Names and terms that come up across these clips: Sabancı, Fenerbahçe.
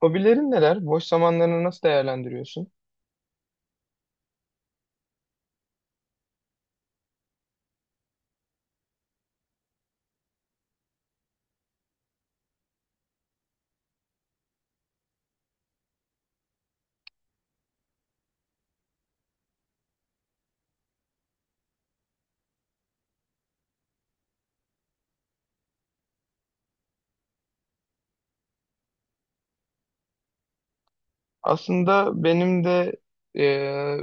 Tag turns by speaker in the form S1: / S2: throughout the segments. S1: Hobilerin neler? Boş zamanlarını nasıl değerlendiriyorsun? Aslında benim de e,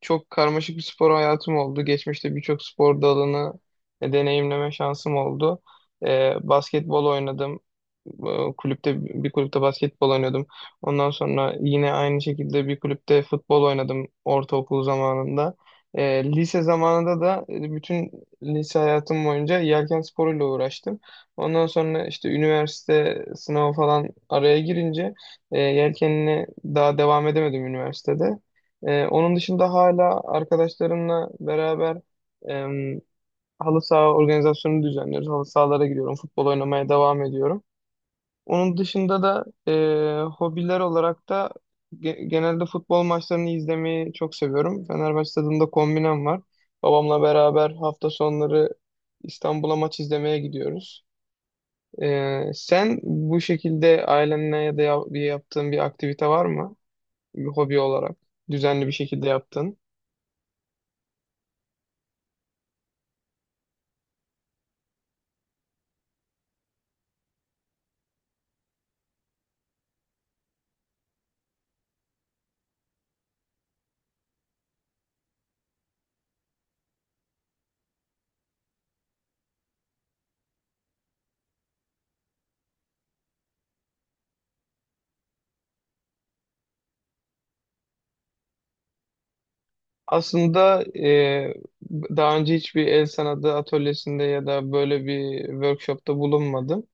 S1: çok karmaşık bir spor hayatım oldu. Geçmişte birçok spor dalını deneyimleme şansım oldu. Basketbol oynadım. Bir kulüpte basketbol oynuyordum. Ondan sonra yine aynı şekilde bir kulüpte futbol oynadım ortaokul zamanında. Lise zamanında da bütün lise hayatım boyunca yelken sporuyla uğraştım. Ondan sonra işte üniversite sınavı falan araya girince yelkenini daha devam edemedim üniversitede. Onun dışında hala arkadaşlarımla beraber e, halı saha organizasyonu düzenliyoruz. Halı sahalara gidiyorum, futbol oynamaya devam ediyorum. Onun dışında da hobiler olarak da genelde futbol maçlarını izlemeyi çok seviyorum. Fenerbahçe stadında kombinem var. Babamla beraber hafta sonları İstanbul'a maç izlemeye gidiyoruz. Sen bu şekilde ailenle ya da bir yaptığın bir aktivite var mı? Bir hobi olarak düzenli bir şekilde yaptın? Aslında daha önce hiçbir el sanatı atölyesinde ya da böyle bir workshopta bulunmadım.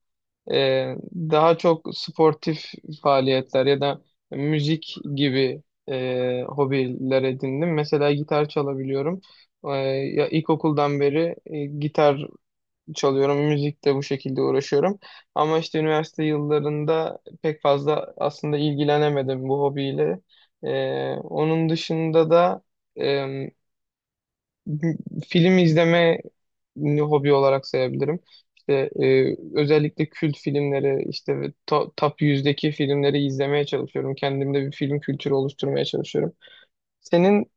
S1: Daha çok sportif faaliyetler ya da müzik gibi hobiler edindim. Mesela gitar çalabiliyorum. Ee, Ya ilkokuldan beri gitar çalıyorum, müzikle bu şekilde uğraşıyorum. Ama işte üniversite yıllarında pek fazla aslında ilgilenemedim bu hobiyle. Onun dışında da film izleme hobi olarak sayabilirim. İşte e, özellikle kült filmleri, işte ve top yüzdeki filmleri izlemeye çalışıyorum. Kendimde bir film kültürü oluşturmaya çalışıyorum. Senin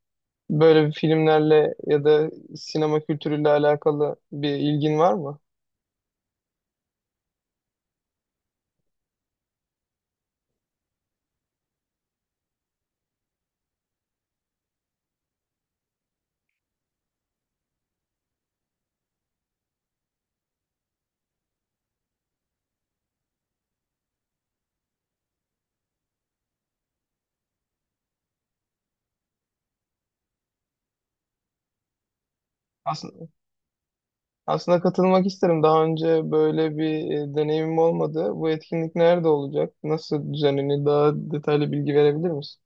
S1: böyle bir filmlerle ya da sinema kültürüyle alakalı bir ilgin var mı? Aslında, aslında katılmak isterim. Daha önce böyle bir deneyimim olmadı. Bu etkinlik nerede olacak? Nasıl düzenlenir? Daha detaylı bilgi verebilir misin?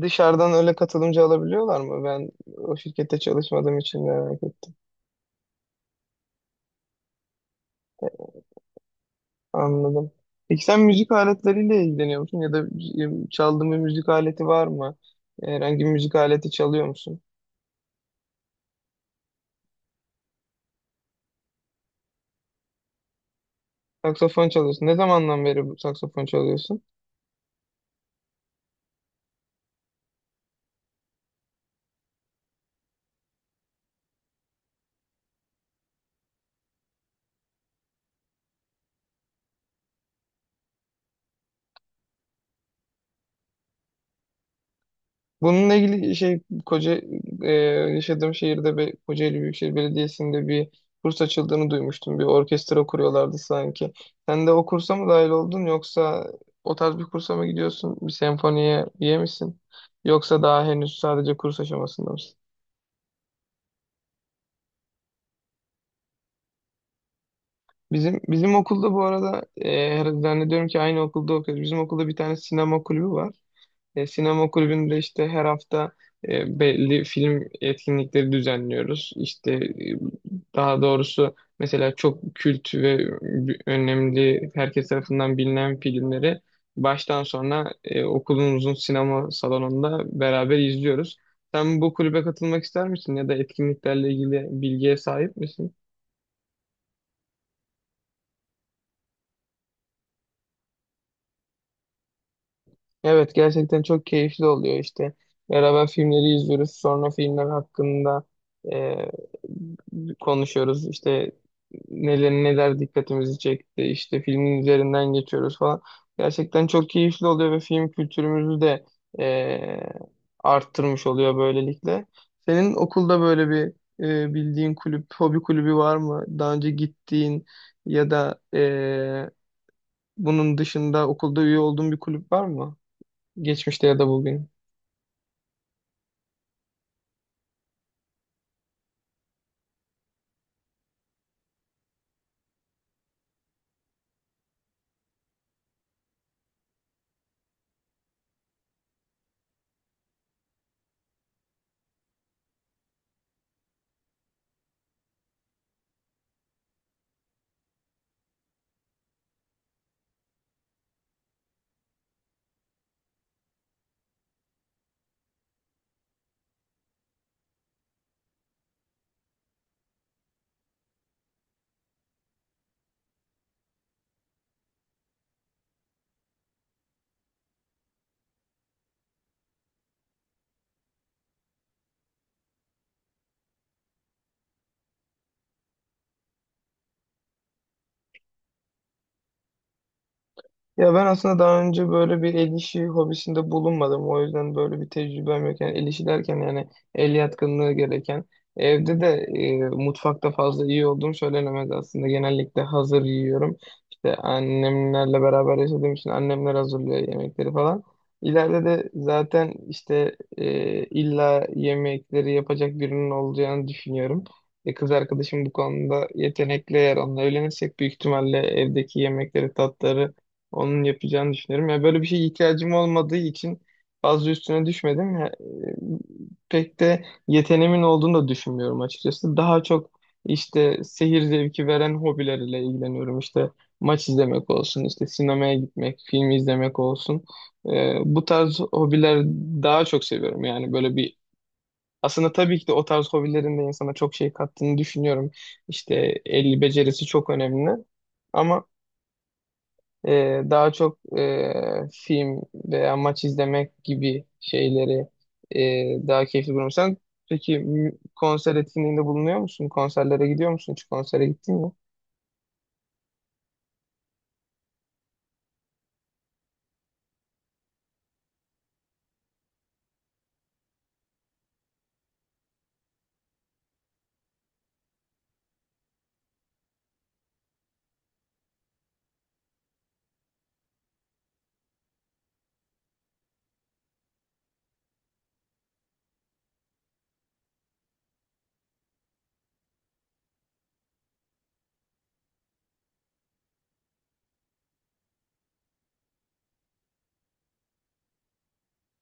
S1: Dışarıdan öyle katılımcı alabiliyorlar mı? Ben o şirkette çalışmadığım için merak ettim. Anladım. Peki sen müzik aletleriyle ilgileniyor musun? Ya da çaldığın bir müzik aleti var mı? Herhangi bir müzik aleti çalıyor musun? Saksafon çalıyorsun. Ne zamandan beri bu saksafon çalıyorsun? Bununla ilgili e, yaşadığım şehirde bir Kocaeli Büyükşehir Belediyesi'nde bir kurs açıldığını duymuştum. Bir orkestra kuruyorlardı sanki. Sen de o kursa mı dahil oldun yoksa o tarz bir kursa mı gidiyorsun? Bir senfoniye üye misin? Yoksa daha henüz sadece kurs aşamasında mısın? Bizim okulda bu arada, zannediyorum ki aynı okulda okuyoruz. Bizim okulda bir tane sinema kulübü var. Sinema kulübünde işte her hafta belli film etkinlikleri düzenliyoruz. İşte daha doğrusu mesela çok kült ve önemli, herkes tarafından bilinen filmleri baştan sona okulumuzun sinema salonunda beraber izliyoruz. Sen bu kulübe katılmak ister misin ya da etkinliklerle ilgili bilgiye sahip misin? Evet, gerçekten çok keyifli oluyor işte. Beraber filmleri izliyoruz. Sonra filmler hakkında e, konuşuyoruz. İşte neler neler dikkatimizi çekti. İşte filmin üzerinden geçiyoruz falan. Gerçekten çok keyifli oluyor ve film kültürümüzü de e, arttırmış oluyor böylelikle. Senin okulda böyle bir bildiğin kulüp, hobi kulübü var mı? Daha önce gittiğin ya da bunun dışında okulda üye olduğun bir kulüp var mı? Geçmişte ya da bugün. Ya ben aslında daha önce böyle bir el işi hobisinde bulunmadım. O yüzden böyle bir tecrübem yok. Yani el işi derken yani el yatkınlığı gereken. Evde de mutfakta fazla iyi olduğum söylenemez aslında. Genellikle hazır yiyorum. İşte annemlerle beraber yaşadığım için annemler hazırlıyor yemekleri falan. İleride de zaten işte illa yemekleri yapacak birinin olacağını düşünüyorum. Kız arkadaşım bu konuda yetenekli, eğer onunla evlenirsek büyük ihtimalle evdeki yemekleri, tatları onun yapacağını düşünüyorum. Ya böyle bir şeye ihtiyacım olmadığı için fazla üstüne düşmedim. Pek de yeteneğimin olduğunu da düşünmüyorum açıkçası. Daha çok işte seyir zevki veren hobilerle ilgileniyorum. İşte maç izlemek olsun, işte sinemaya gitmek, film izlemek olsun. Bu tarz hobiler daha çok seviyorum. Yani böyle bir aslında, tabii ki de o tarz hobilerin de insana çok şey kattığını düşünüyorum. İşte el becerisi çok önemli. Ama daha çok film veya maç izlemek gibi şeyleri daha keyifli buluyorum. Sen peki konser etkinliğinde bulunuyor musun? Konserlere gidiyor musun? Hiç konsere gittin mi?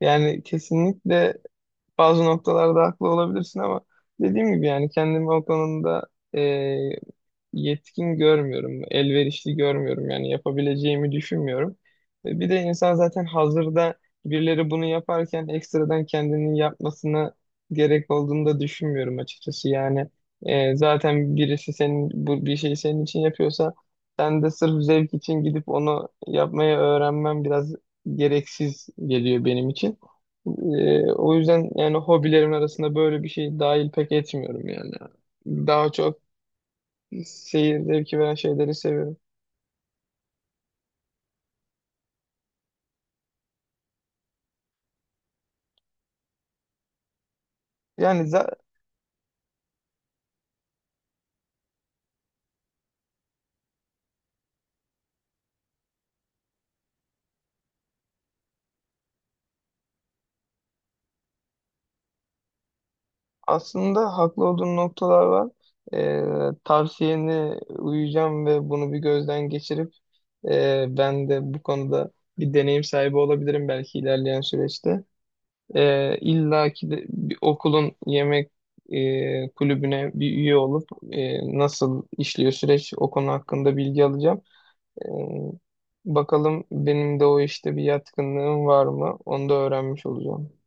S1: Yani kesinlikle bazı noktalarda haklı olabilirsin ama dediğim gibi yani kendimi o konuda e, yetkin görmüyorum, elverişli görmüyorum, yani yapabileceğimi düşünmüyorum. Bir de insan zaten hazırda birileri bunu yaparken ekstradan kendinin yapmasına gerek olduğunu da düşünmüyorum açıkçası. Yani zaten birisi senin bu bir şeyi senin için yapıyorsa sen de sırf zevk için gidip onu yapmayı öğrenmem biraz gereksiz geliyor benim için. O yüzden yani hobilerim arasında böyle bir şey dahil pek etmiyorum yani. Daha çok seyir zevki veren şeyleri seviyorum. Yani za- aslında haklı olduğun noktalar var. Tavsiyene uyacağım ve bunu bir gözden geçirip ben de bu konuda bir deneyim sahibi olabilirim belki ilerleyen süreçte. İlla ki de bir okulun yemek kulübüne bir üye olup, nasıl işliyor süreç, o konu hakkında bilgi alacağım. Ee, Bakalım benim de o işte bir yatkınlığım var mı? Onu da öğrenmiş olacağım.